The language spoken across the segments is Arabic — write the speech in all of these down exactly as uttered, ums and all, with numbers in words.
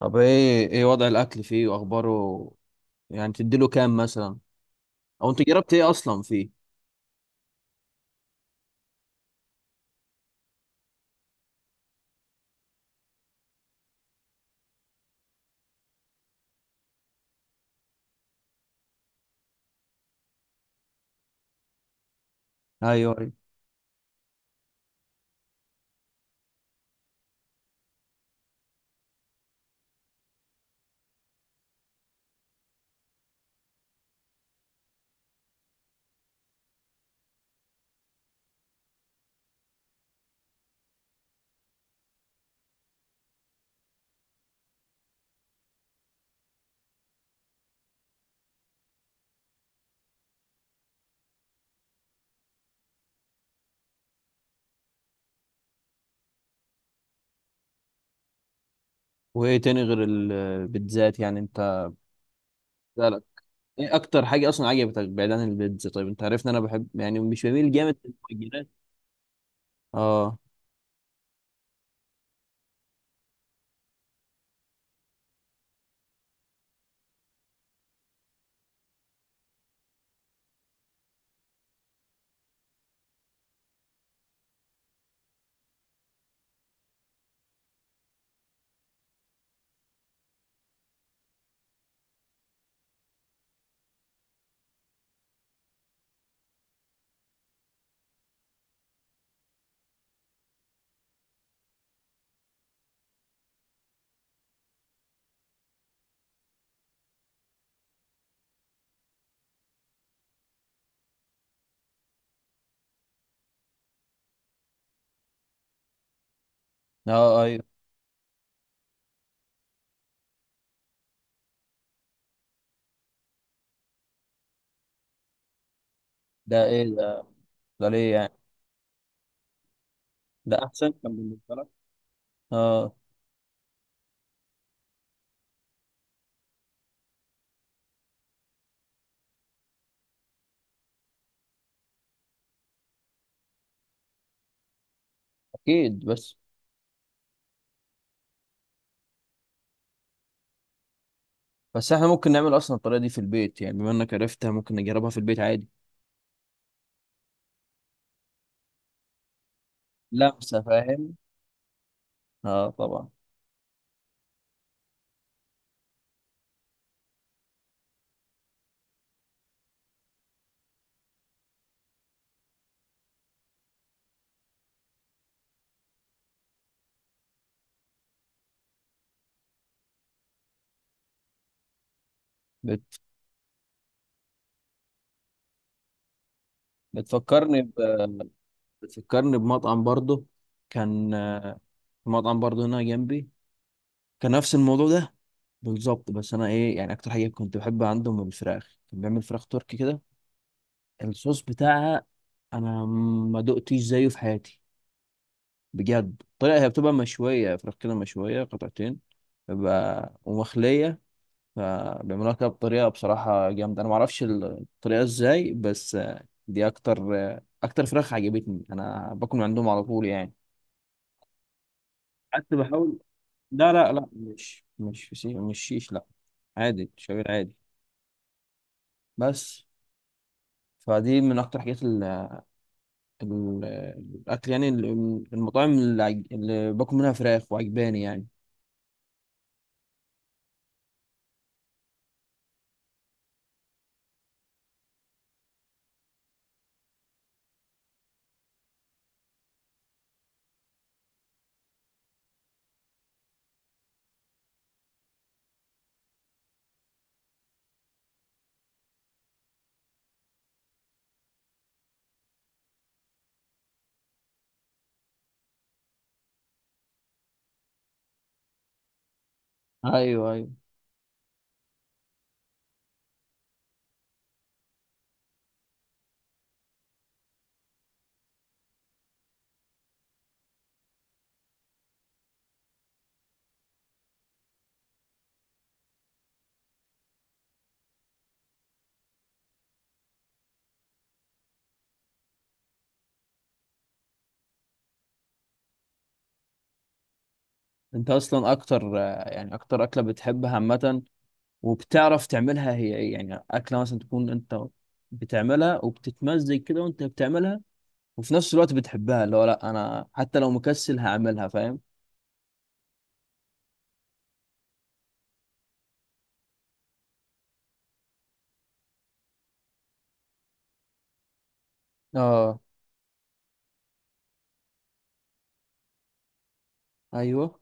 طب، ايه ايه وضع الاكل فيه واخباره؟ يعني تديله كام مثلا؟ او انت جربت ايه اصلا فيه؟ ايوه ايوه. وايه تاني غير البيتزات يعني انت سألك؟ ايه اكتر حاجه اصلا عجبتك بعيد عن البيتزا؟ طيب، انت عارف ان انا بحب، يعني، مش بميل جامد للمعجنات. اه. اه. ايوه. ده ايه ده؟ ده ليه يعني؟ ده احسن كان بالنسبه لك. اه، اكيد. بس بس احنا ممكن نعمل اصلا الطريقه دي في البيت، يعني بما انك عرفتها ممكن نجربها في البيت عادي. لمسه، فاهم. اه، طبعا. بت... بتفكرني بتفكرني بمطعم برضه، كان آه، مطعم برضه هنا جنبي، كان نفس الموضوع ده بالظبط. بس انا ايه يعني اكتر حاجه كنت بحب عندهم الفراخ، كان بيعمل فراخ تركي كده، الصوص بتاعها انا ما دقتش زيه في حياتي بجد. الطريقه هي بتبقى مشويه، فراخ كده مشويه قطعتين، بيبقى ومخليه. فبيعملوها كده بطريقه بصراحه جامده، انا ما اعرفش الطريقه ازاي، بس آه، دي اكتر آه، اكتر فراخ عجبتني، انا باكل من عندهم على طول يعني. قعدت بحاول. لا لا لا، مش مش فسيخ، مش شيش، لا. عادي، شعير عادي بس. فدي من اكتر حاجات ال ال الاكل، يعني ال- المطاعم اللي, عج- اللي باكل منها فراخ وعجباني يعني. ايوه ايوه. انت اصلا اكتر، آه، يعني اكتر اكله بتحبها عامه وبتعرف تعملها، هي ايه يعني اكله مثلا تكون انت بتعملها وبتتمزج كده وانت بتعملها، وفي نفس الوقت بتحبها؟ اللي هو لا، انا حتى لو مكسل هعملها، فاهم. اه. ايوه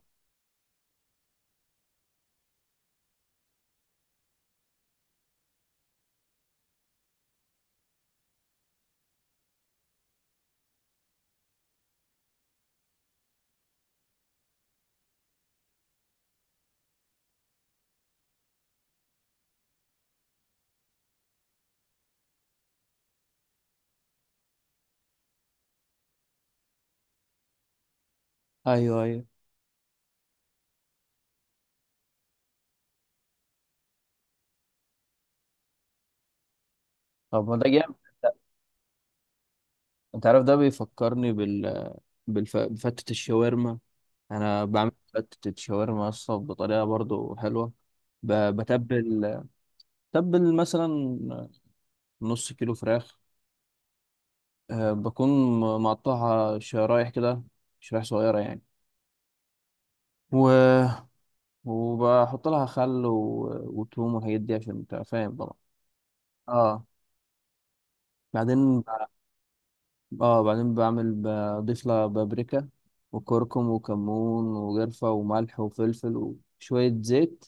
ايوه ايوه. طب ما ده جامد. انت عارف ده بيفكرني بال بالف... بفتة الشاورما. انا بعمل فتة شاورما اصلا بطريقة برضو حلوة. ب... بتبل بتبل مثلا نص كيلو فراخ. أه، بكون مقطعها شرايح كده، شرايح صغيرة يعني. و... وبحط لها خل و... وتوم والحاجات دي، عشان انت فاهم طبعا. اه، بعدين. اه بعدين بعمل، بضيف لها بابريكا وكركم وكمون وقرفة وملح وفلفل وشوية زيت.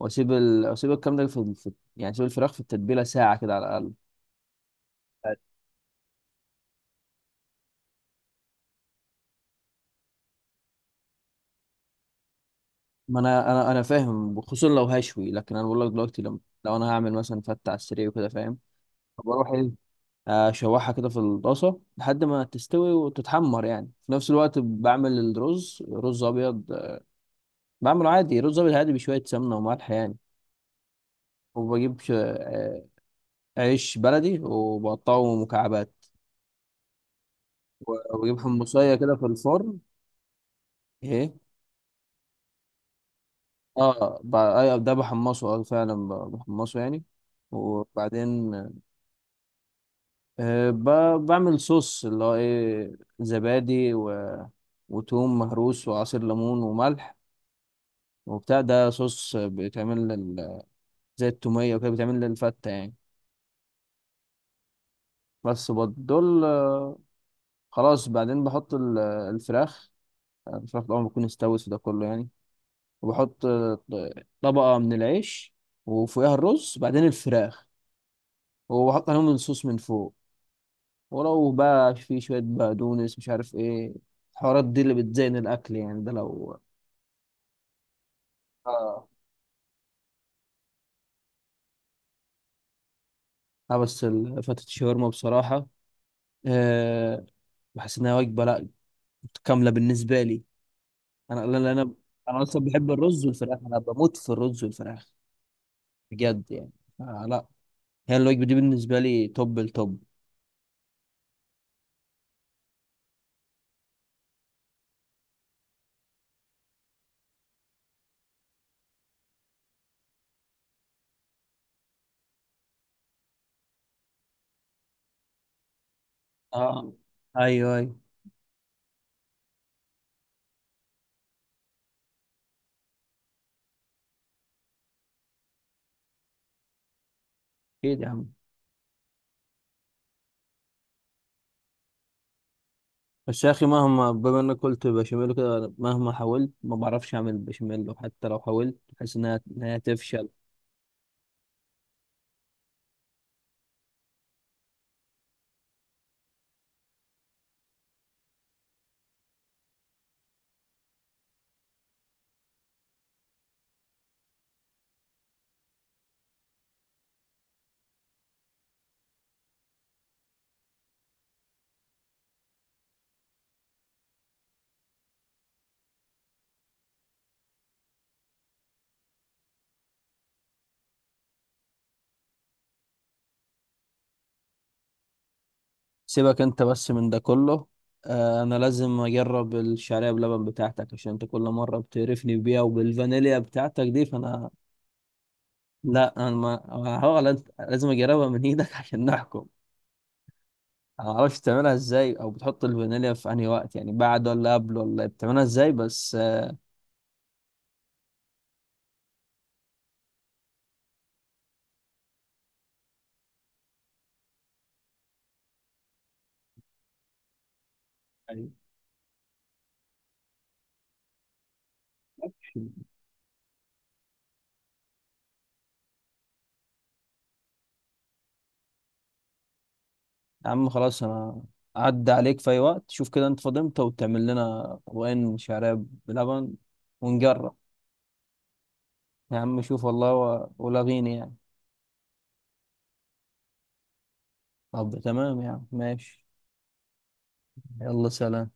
واسيب ال... واسيب الكلام ده، في... في يعني اسيب الفراخ في التتبيله ساعه كده على الاقل. ما انا انا انا فاهم، خصوصا لو هشوي. لكن انا بقول لك دلوقتي، لو, لو انا هعمل مثلا فته على السريع وكده، فاهم. بروح، ايه، اشوحها كده في الطاسه لحد ما تستوي وتتحمر، يعني في نفس الوقت بعمل الرز، رز ابيض. بعمله عادي رز ابيض عادي بشويه سمنه وملح يعني. وبجيب ش- آه، عيش بلدي وبقطعه مكعبات، وبجيب حمصيه كده في الفرن. ايه. اه، ب- أيوة، ده بحمصه، اه فعلا ب- بحمصه يعني. وبعدين آه ب- بعمل صوص، اللي هو ايه، زبادي و- وتوم مهروس وعصير ليمون وملح. وبتاع ده صوص بيتعمل لل... زي التومية وكده بيتعمل للفتة يعني. بس بط- دول، آه، خلاص، بعدين بحط ال- الفراخ. آه، الفراخ طبعا بتكون استوت في ده كله يعني. وبحط آه، طبقة من العيش، وفوقها الرز، بعدين الفراخ، وبحط عليهم الصوص من فوق. ولو بقى في شوية بقدونس، مش عارف ايه الحوارات دي اللي بتزين الأكل يعني، ده لو. اه اه، بس ال- فتة الشاورما بصراحة، أه، بحس إنها وجبة، لأ، متكاملة بالنسبة لي. أنا، لأن أنا أنا أصلا بحب الرز والفراخ، أنا بموت في الرز والفراخ بجد يعني. آه، لأ، هي الوجبة دي بالنسبة لي توب التوب. اه. أيوه أيوه. أكيد يا عم. بس يا أخي، مهما بما إنك قلت بشاميل كده، مهما حاولت ما بعرفش أعمل بشاميل، وحتى لو حاولت بحس إنها إنها تفشل. سيبك انت بس من ده كله. آه، انا لازم اجرب الشعريه بلبن بتاعتك، عشان انت كل مره بتقرفني بيها وبالفانيليا بتاعتك دي، فانا، لا، انا ما هو لا- لازم اجربها من ايدك عشان نحكم. انا معرفش تعملها ازاي، او بتحط الفانيليا في انهي وقت؟ يعني بعد ولا قبل ولا إيه؟ بتعملها ازاي بس؟ آه، يا عم، خلاص، انا عدى عليك في اي وقت، شوف كده انت فاضي امتى وتعمل لنا طبقين شعريه بلبن ونجرب. يا عم شوف والله، و- ولاغيني يعني. طب تمام يا عم، ماشي. يلا، سلام.